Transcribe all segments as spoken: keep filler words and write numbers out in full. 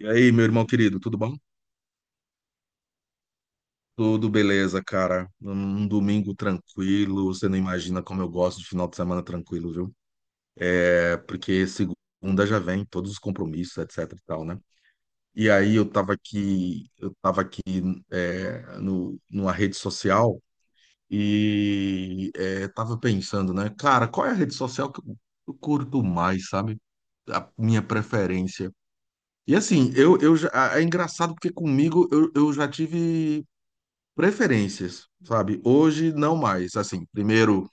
E aí, meu irmão querido, tudo bom? Tudo beleza, cara. Um domingo tranquilo. Você não imagina como eu gosto de final de semana tranquilo, viu? É porque segunda já vem todos os compromissos, etc e tal, né? E aí eu tava aqui, eu tava aqui é, no, numa rede social e é, tava pensando, né? Cara, qual é a rede social que eu eu curto mais, sabe? A minha preferência. E assim, eu, eu já, é engraçado porque comigo eu, eu já tive preferências, sabe? Hoje não mais. Assim, primeiro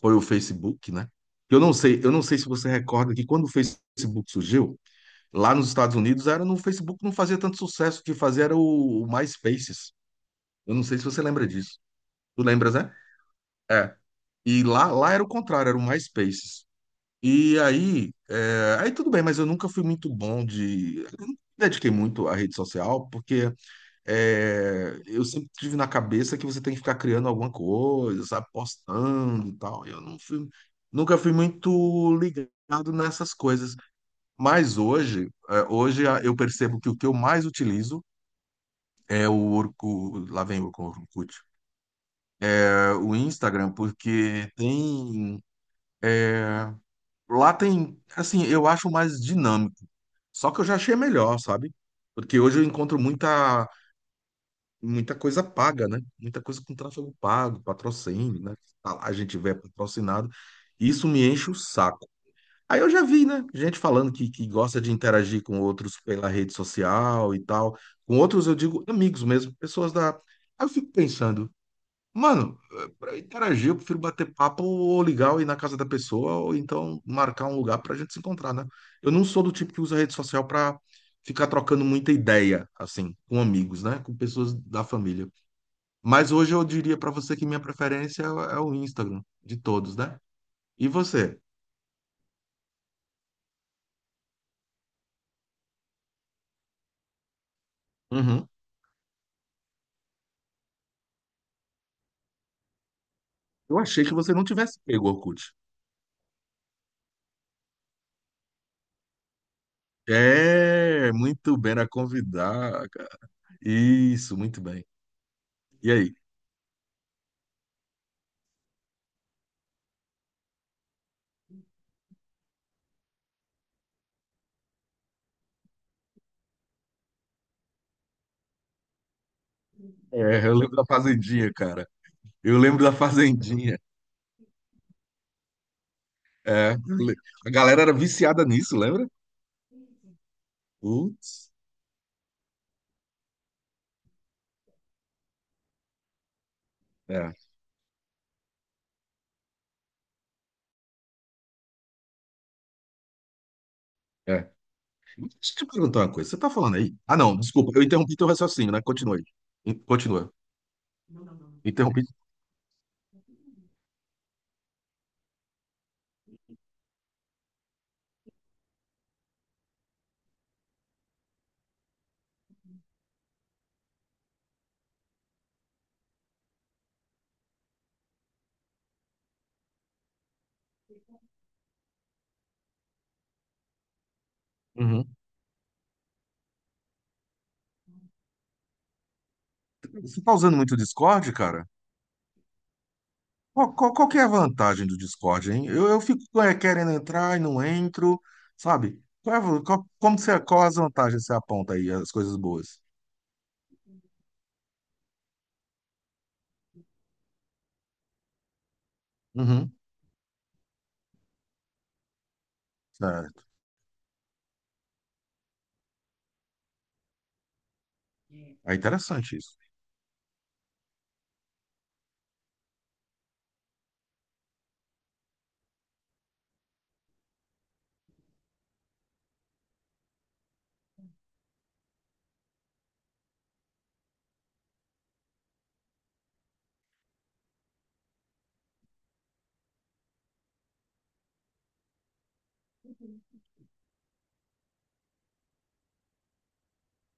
foi o Facebook, né? Eu não sei, eu não sei se você recorda que quando o Facebook surgiu, lá nos Estados Unidos era no Facebook não fazia tanto sucesso, o que fazia era o, o MySpaces. Eu não sei se você lembra disso. Tu lembras, né? É. E lá, lá era o contrário, era o MySpaces. E aí, é, aí tudo bem, mas eu nunca fui muito bom de, eu não me dediquei muito à rede social, porque é, eu sempre tive na cabeça que você tem que ficar criando alguma coisa, sabe, postando e tal. Eu não fui, nunca fui muito ligado nessas coisas. Mas hoje, é, hoje a- eu percebo que o que eu mais utilizo é o Orkut, lá vem o Orkut, é, o Instagram, porque tem é, lá tem, assim, eu acho mais dinâmico. Só que eu já achei melhor, sabe? Porque hoje eu encontro muita muita coisa paga, né? Muita coisa com tráfego pago, patrocínio, né? Tá lá, a gente vê patrocinado. Isso me enche o saco. Aí eu já vi, né? Gente falando que, que gosta de interagir com outros pela rede social e tal. Com outros, eu digo amigos mesmo, pessoas da. Aí eu fico pensando, mano, para interagir, eu prefiro bater papo ou ligar ou ir na casa da pessoa, ou então marcar um lugar pra gente se encontrar, né? Eu não sou do tipo que usa rede social pra ficar trocando muita ideia, assim, com amigos, né? Com pessoas da família. Mas hoje eu diria para você que minha preferência é o é o Instagram, de todos, né? E você? Uhum. Eu achei que você não tivesse pego o Orkut. É, muito bem a convidar, cara. Isso, muito bem. E aí? É, eu lembro da Fazendinha, cara. Eu lembro da Fazendinha. É, eu le- a galera era viciada nisso, lembra? Putz, é, é. Deixa eu te perguntar uma coisa. Você tá falando aí? Ah, não, desculpa, eu interrompi teu raciocínio, né? Continue. In- Continua. Interrompi. Uhum. Você tá usando muito o Discord, cara? Qual, qual, qual que é a vantagem do Discord, hein? Eu, eu fico é, querendo entrar e não entro, sabe? Qual, é a- qual, como que você, qual as vantagens que você aponta aí, as coisas boas? Uhum, certo. É interessante isso.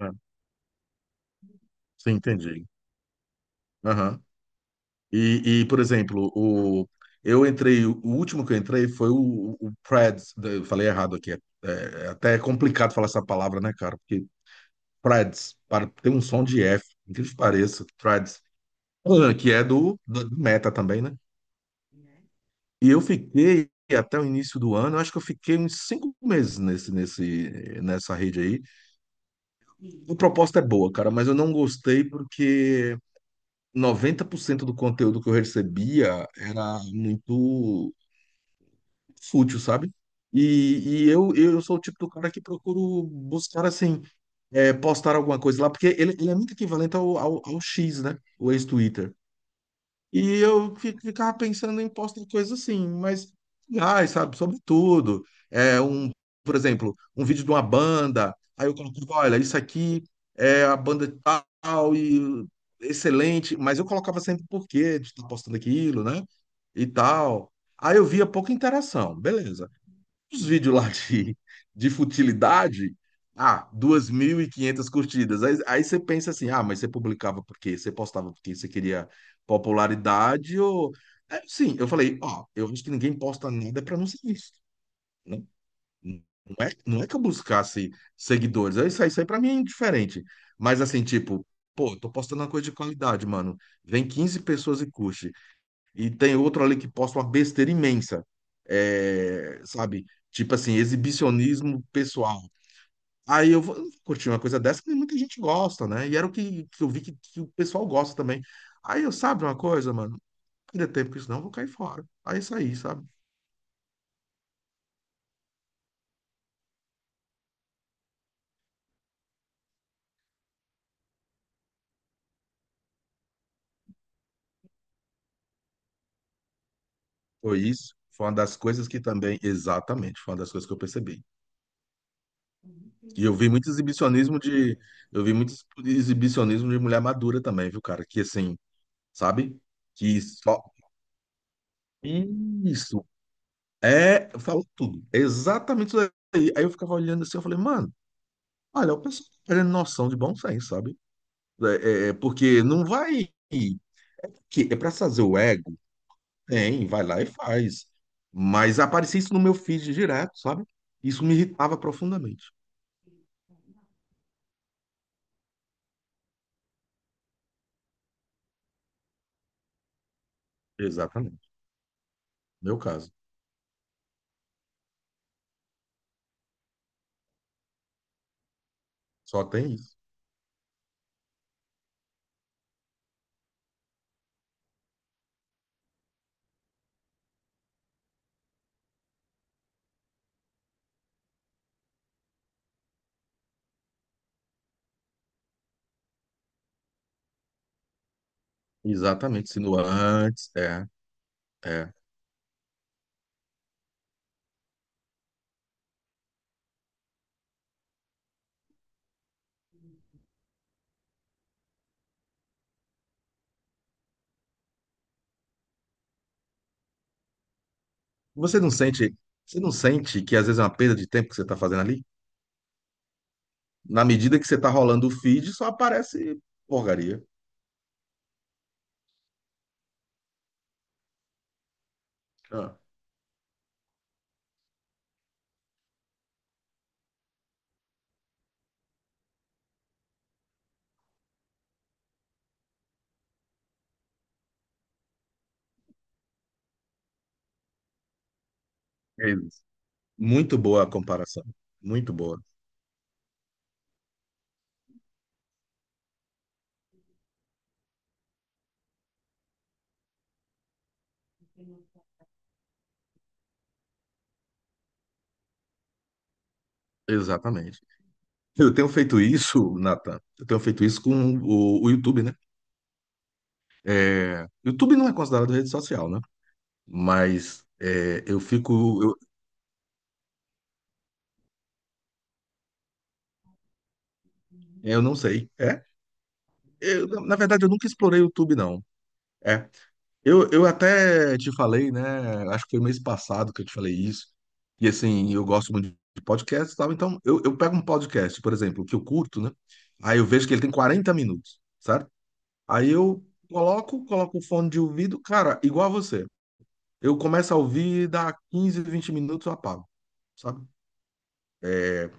É, sim, entendi. Aham. E, e, por exemplo, o, eu entrei, o último que eu entrei foi o, o Preds, né? Eu falei errado aqui, é, é até complicado falar essa palavra, né, cara? Porque Preds, para, tem um som de F, incrível que pareça, Preds, que é do, do Meta também, né? E eu fiquei até o início do ano, eu acho que eu fiquei uns cinco meses nesse, nesse, nessa rede aí. A proposta é boa, cara, mas eu não gostei porque noventa por cento do conteúdo que eu recebia era muito fútil, sabe? E, e eu, eu sou o tipo do cara que procuro buscar, assim, é, postar alguma coisa lá, porque ele, ele é muito equivalente ao, ao, ao X, né? O ex-Twitter. E eu fi- ficava pensando em postos de coisas assim, mas, ai, sabe, sobre tudo. É um, por exemplo, um vídeo de uma banda, aí eu colocava, olha, isso aqui é a banda tal e excelente, mas eu colocava sempre por quê de estar postando aquilo, né? E tal. Aí eu via pouca interação, beleza. Os vídeos lá de, de futilidade, ah, duas mil e quinhentas curtidas. Aí, aí você pensa assim, ah, mas você publicava por quê? Você postava porque você queria popularidade ou... É, sim, eu falei, ó, eu acho que ninguém posta nada para não ser visto, né? Não é, não é que eu buscasse seguidores, isso aí, isso aí pra mim é indiferente. Mas assim, tipo, pô, tô postando uma coisa de qualidade, mano. Vem quinze pessoas e curte e tem outro ali que posta uma besteira imensa, é, sabe? Tipo assim, exibicionismo pessoal. Aí eu vou curtir uma coisa dessa que muita gente gosta, né? E era o que, que eu vi que, que o pessoal gosta também. Aí eu, sabe uma coisa, mano? Não perder tempo com isso, não, eu vou cair fora. Aí saí, sabe? Foi isso. Foi uma das coisas que também, exatamente, foi uma das coisas que eu percebi. E eu vi muito exibicionismo de, eu vi muito exibicionismo de mulher madura também, viu, cara? Que assim, sabe? Que só, isso, É, falou tudo. É exatamente isso aí. Aí eu ficava olhando assim, eu falei, mano, olha, o pessoal tá perdendo noção de bom senso, sabe? É, é, é, porque não vai. Que é pra fazer o ego? Tem, vai lá e faz. Mas aparecia isso no meu feed direto, sabe? Isso me irritava profundamente. Exatamente. Meu caso. Só tem isso. Exatamente. Sinuantes, é, é. Você não sente, você não sente que às vezes é uma perda de tempo que você tá fazendo ali? Na medida que você tá rolando o feed, só aparece porcaria. Ah, é isso. Muito boa a comparação. Muito boa. Exatamente. Eu tenho feito isso, Nathan. Eu tenho feito isso com o, o YouTube, né? É, YouTube não é considerado rede social, né? Mas é, eu fico. Eu, eu não sei. É? Eu, na verdade, eu nunca explorei o YouTube, não. É. Eu, eu até te falei, né? Acho que foi mês passado que eu te falei isso. E assim, eu gosto muito de podcast e tal. Então, eu, eu pego um podcast, por exemplo, que eu curto, né? Aí eu vejo que ele tem quarenta minutos. Certo? Aí eu coloco, coloco o fone de ouvido, cara, igual a você. Eu começo a ouvir, dá quinze, vinte minutos eu apago, sabe? É,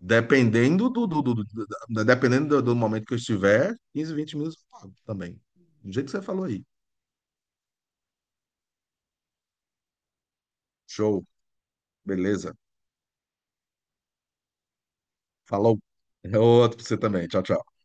dependendo do, do, do- do- da- dependendo do, do momento que eu estiver, quinze, vinte minutos eu pago também. Do jeito que você falou aí. Show, beleza. Falou. É outro pra você também. Tchau, tchau.